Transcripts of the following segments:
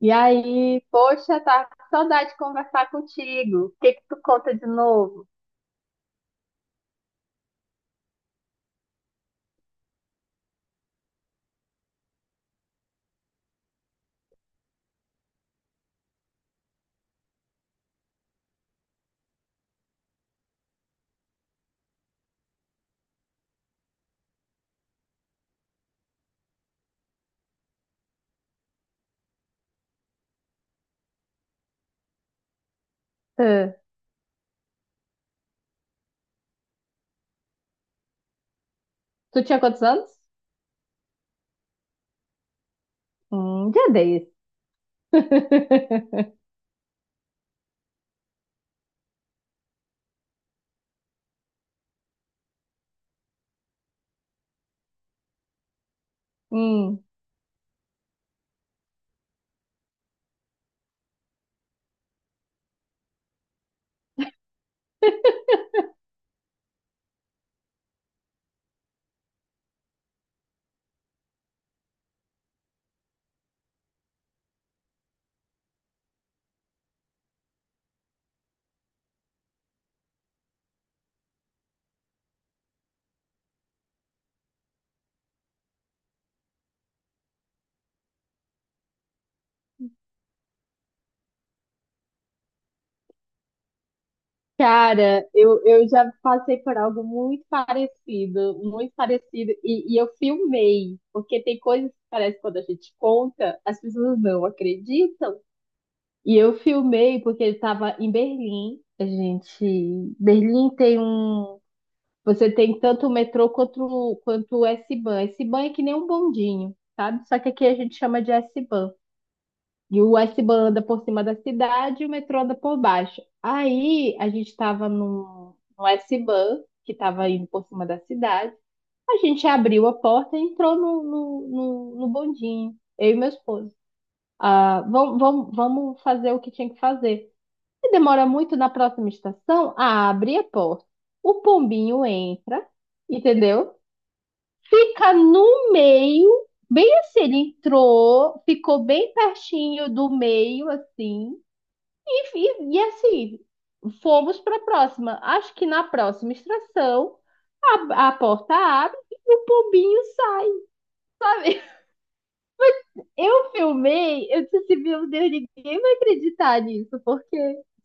E aí, poxa, tá com saudade de conversar contigo. O que que tu conta de novo? Ah, tu tinha quantos anos? Um dia desse. Hum. Cara, eu já passei por algo muito parecido, e eu filmei, porque tem coisas que parece que quando a gente conta, as pessoas não acreditam. E eu filmei porque ele estava em Berlim. A gente, Berlim tem um... Você tem tanto o metrô quanto, quanto o S-Bahn. S-Bahn é que nem um bondinho, sabe? Só que aqui a gente chama de S-Bahn. E o S-Bahn anda por cima da cidade e o metrô anda por baixo. Aí a gente estava no S-Bahn, que estava indo por cima da cidade. A gente abriu a porta e entrou no bondinho, eu e meu esposo. Ah, vamos fazer o que tinha que fazer. Se demora muito na próxima estação, abre a porta. O pombinho entra, entendeu? Fica no meio, bem assim, ele entrou, ficou bem pertinho do meio, assim, e, e assim, fomos para a próxima. Acho que na próxima extração a porta abre e o pombinho sai, sabe? Eu filmei, eu disse assim, meu Deus, ninguém vai acreditar nisso, porque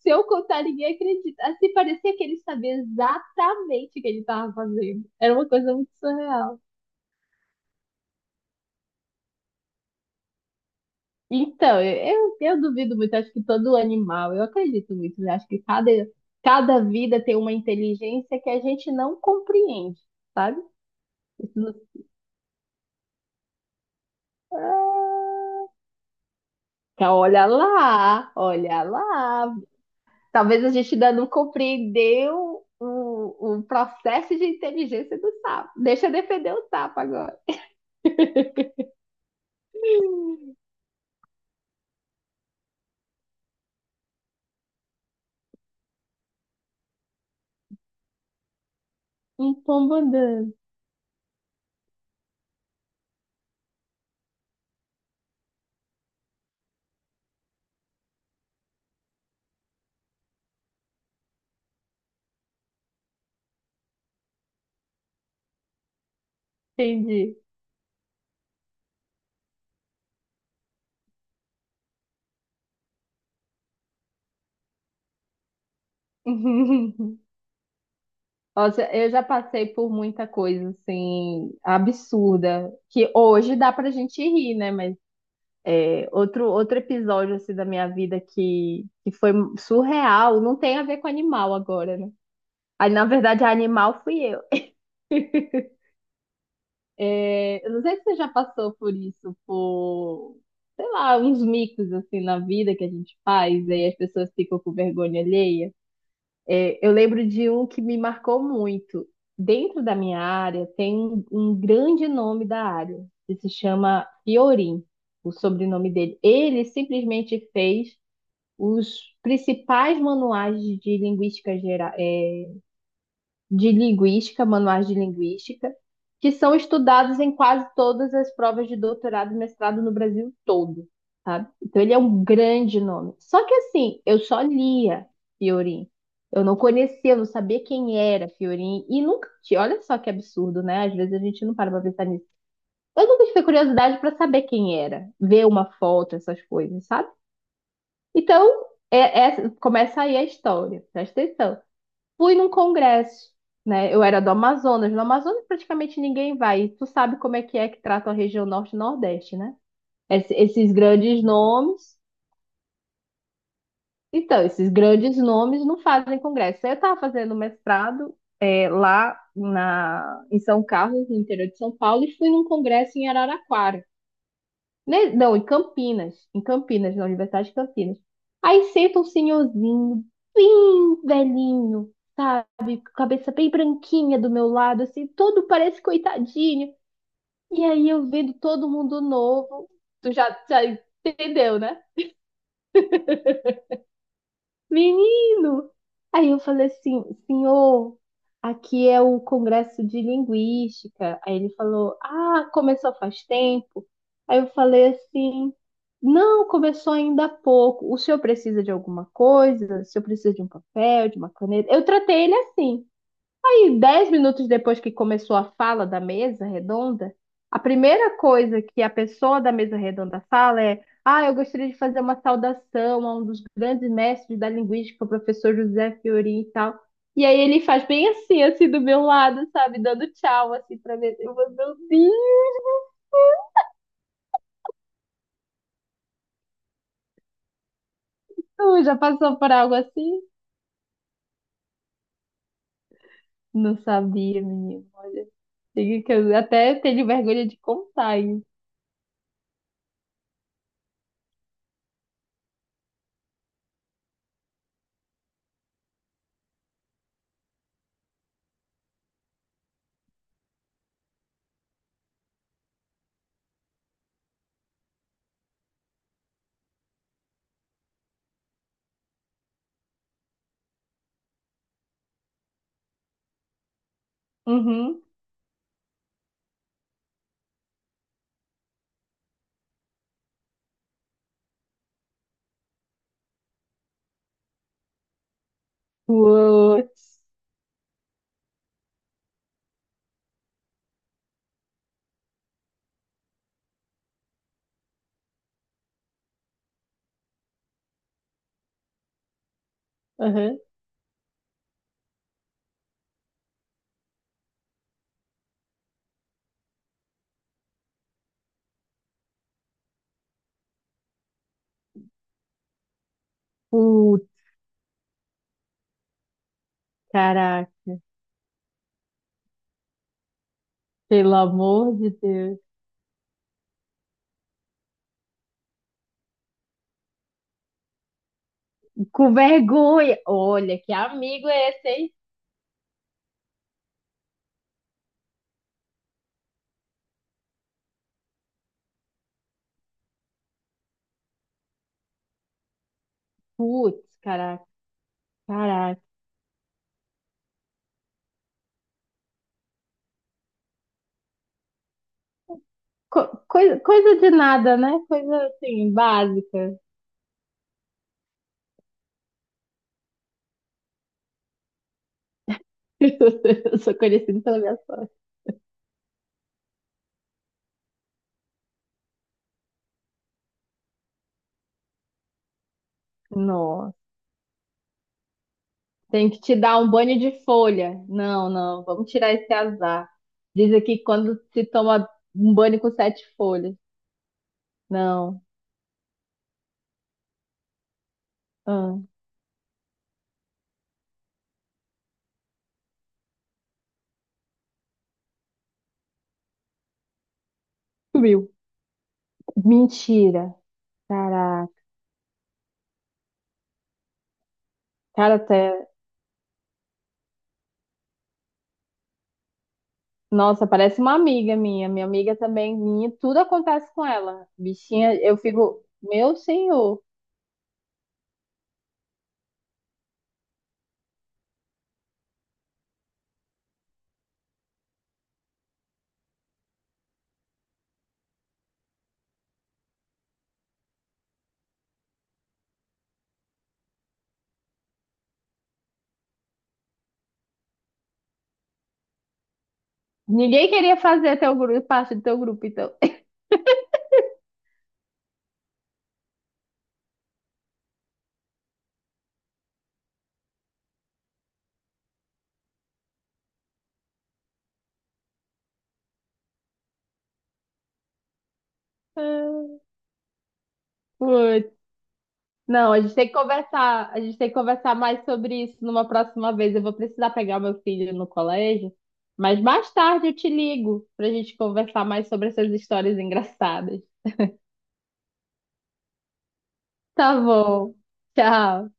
se eu contar, ninguém acredita. Assim, parecia que ele sabia exatamente o que ele estava fazendo. Era uma coisa muito surreal. Então, eu duvido muito, acho que todo animal, eu acredito muito, né? Acho que cada, cada vida tem uma inteligência que a gente não compreende, sabe? Isso não... Então, olha lá, olha lá. Talvez a gente ainda não compreendeu o processo de inteligência do sapo. Deixa eu defender o sapo agora. Um pombo andando, entendi. Nossa, eu já passei por muita coisa assim absurda que hoje dá pra gente rir, né? Mas é, outro episódio assim da minha vida que foi surreal, não tem a ver com animal agora, né? Aí na verdade animal fui eu. É, eu não sei se você já passou por isso, por sei lá, uns micos assim na vida que a gente faz, aí as pessoas ficam com vergonha alheia. É, eu lembro de um que me marcou muito. Dentro da minha área, tem um grande nome da área, que se chama Fiorin, o sobrenome dele. Ele simplesmente fez os principais manuais de linguística geral, de linguística, manuais de linguística, que são estudados em quase todas as provas de doutorado e mestrado no Brasil todo, sabe? Então ele é um grande nome. Só que assim, eu só lia Fiorin. Eu não conhecia, eu não sabia quem era Fiorin e nunca tinha. Olha só que absurdo, né? Às vezes a gente não para pra pensar nisso. Eu nunca tive curiosidade para saber quem era, ver uma foto, essas coisas, sabe? Então, começa aí a história, presta atenção. Fui num congresso, né? Eu era do Amazonas. No Amazonas praticamente ninguém vai. E tu sabe como é que trata a região norte e nordeste, né? Esses grandes nomes. Então, esses grandes nomes não fazem congresso. Eu estava fazendo mestrado é, lá na, em São Carlos, no interior de São Paulo, e fui num congresso em Araraquara. Não, em Campinas. Em Campinas, na Universidade de Campinas. Aí senta um senhorzinho, bem velhinho, sabe? Cabeça bem branquinha do meu lado, assim, todo parece coitadinho. E aí eu vendo todo mundo novo, tu já, já entendeu, né? Menino! Aí eu falei assim, senhor, aqui é o Congresso de Linguística. Aí ele falou, ah, começou faz tempo. Aí eu falei assim, não, começou ainda há pouco. O senhor precisa de alguma coisa? O senhor precisa de um papel, de uma caneta? Eu tratei ele assim. E 10 minutos depois que começou a fala da mesa redonda, a primeira coisa que a pessoa da mesa redonda fala é: Ah, eu gostaria de fazer uma saudação a um dos grandes mestres da linguística, o professor José Fiorin e tal. E aí ele faz bem assim, assim, do meu lado, sabe? Dando tchau, assim, pra mim. Eu vou, meu Deus, já passou por algo assim? Não sabia, menino. Olha, digo que eu até tenho vergonha de contar isso. Uhum. Putz. Uhum. Putz, caraca. Pelo amor de Deus. Com vergonha. Olha, que amigo é esse, hein? Putz, caraca, caraca. Coisa, coisa de nada, né? Coisa assim, básica. Eu sou conhecida pela minha sorte. Nossa, tem que te dar um banho de folha. Não, não, vamos tirar esse azar. Diz aqui que quando se toma um banho com sete folhas. Não, ah, sumiu. Mentira. Caraca, cara, tá... Nossa, parece uma amiga minha. Minha amiga também, minha, tudo acontece com ela. Bichinha, eu fico, meu senhor. Ninguém queria fazer teu grupo, parte do teu grupo, então. Putz, não, a gente tem que conversar, a gente tem que conversar mais sobre isso numa próxima vez. Eu vou precisar pegar meu filho no colégio, mas mais tarde eu te ligo pra gente conversar mais sobre essas histórias engraçadas. Tá bom. Tchau.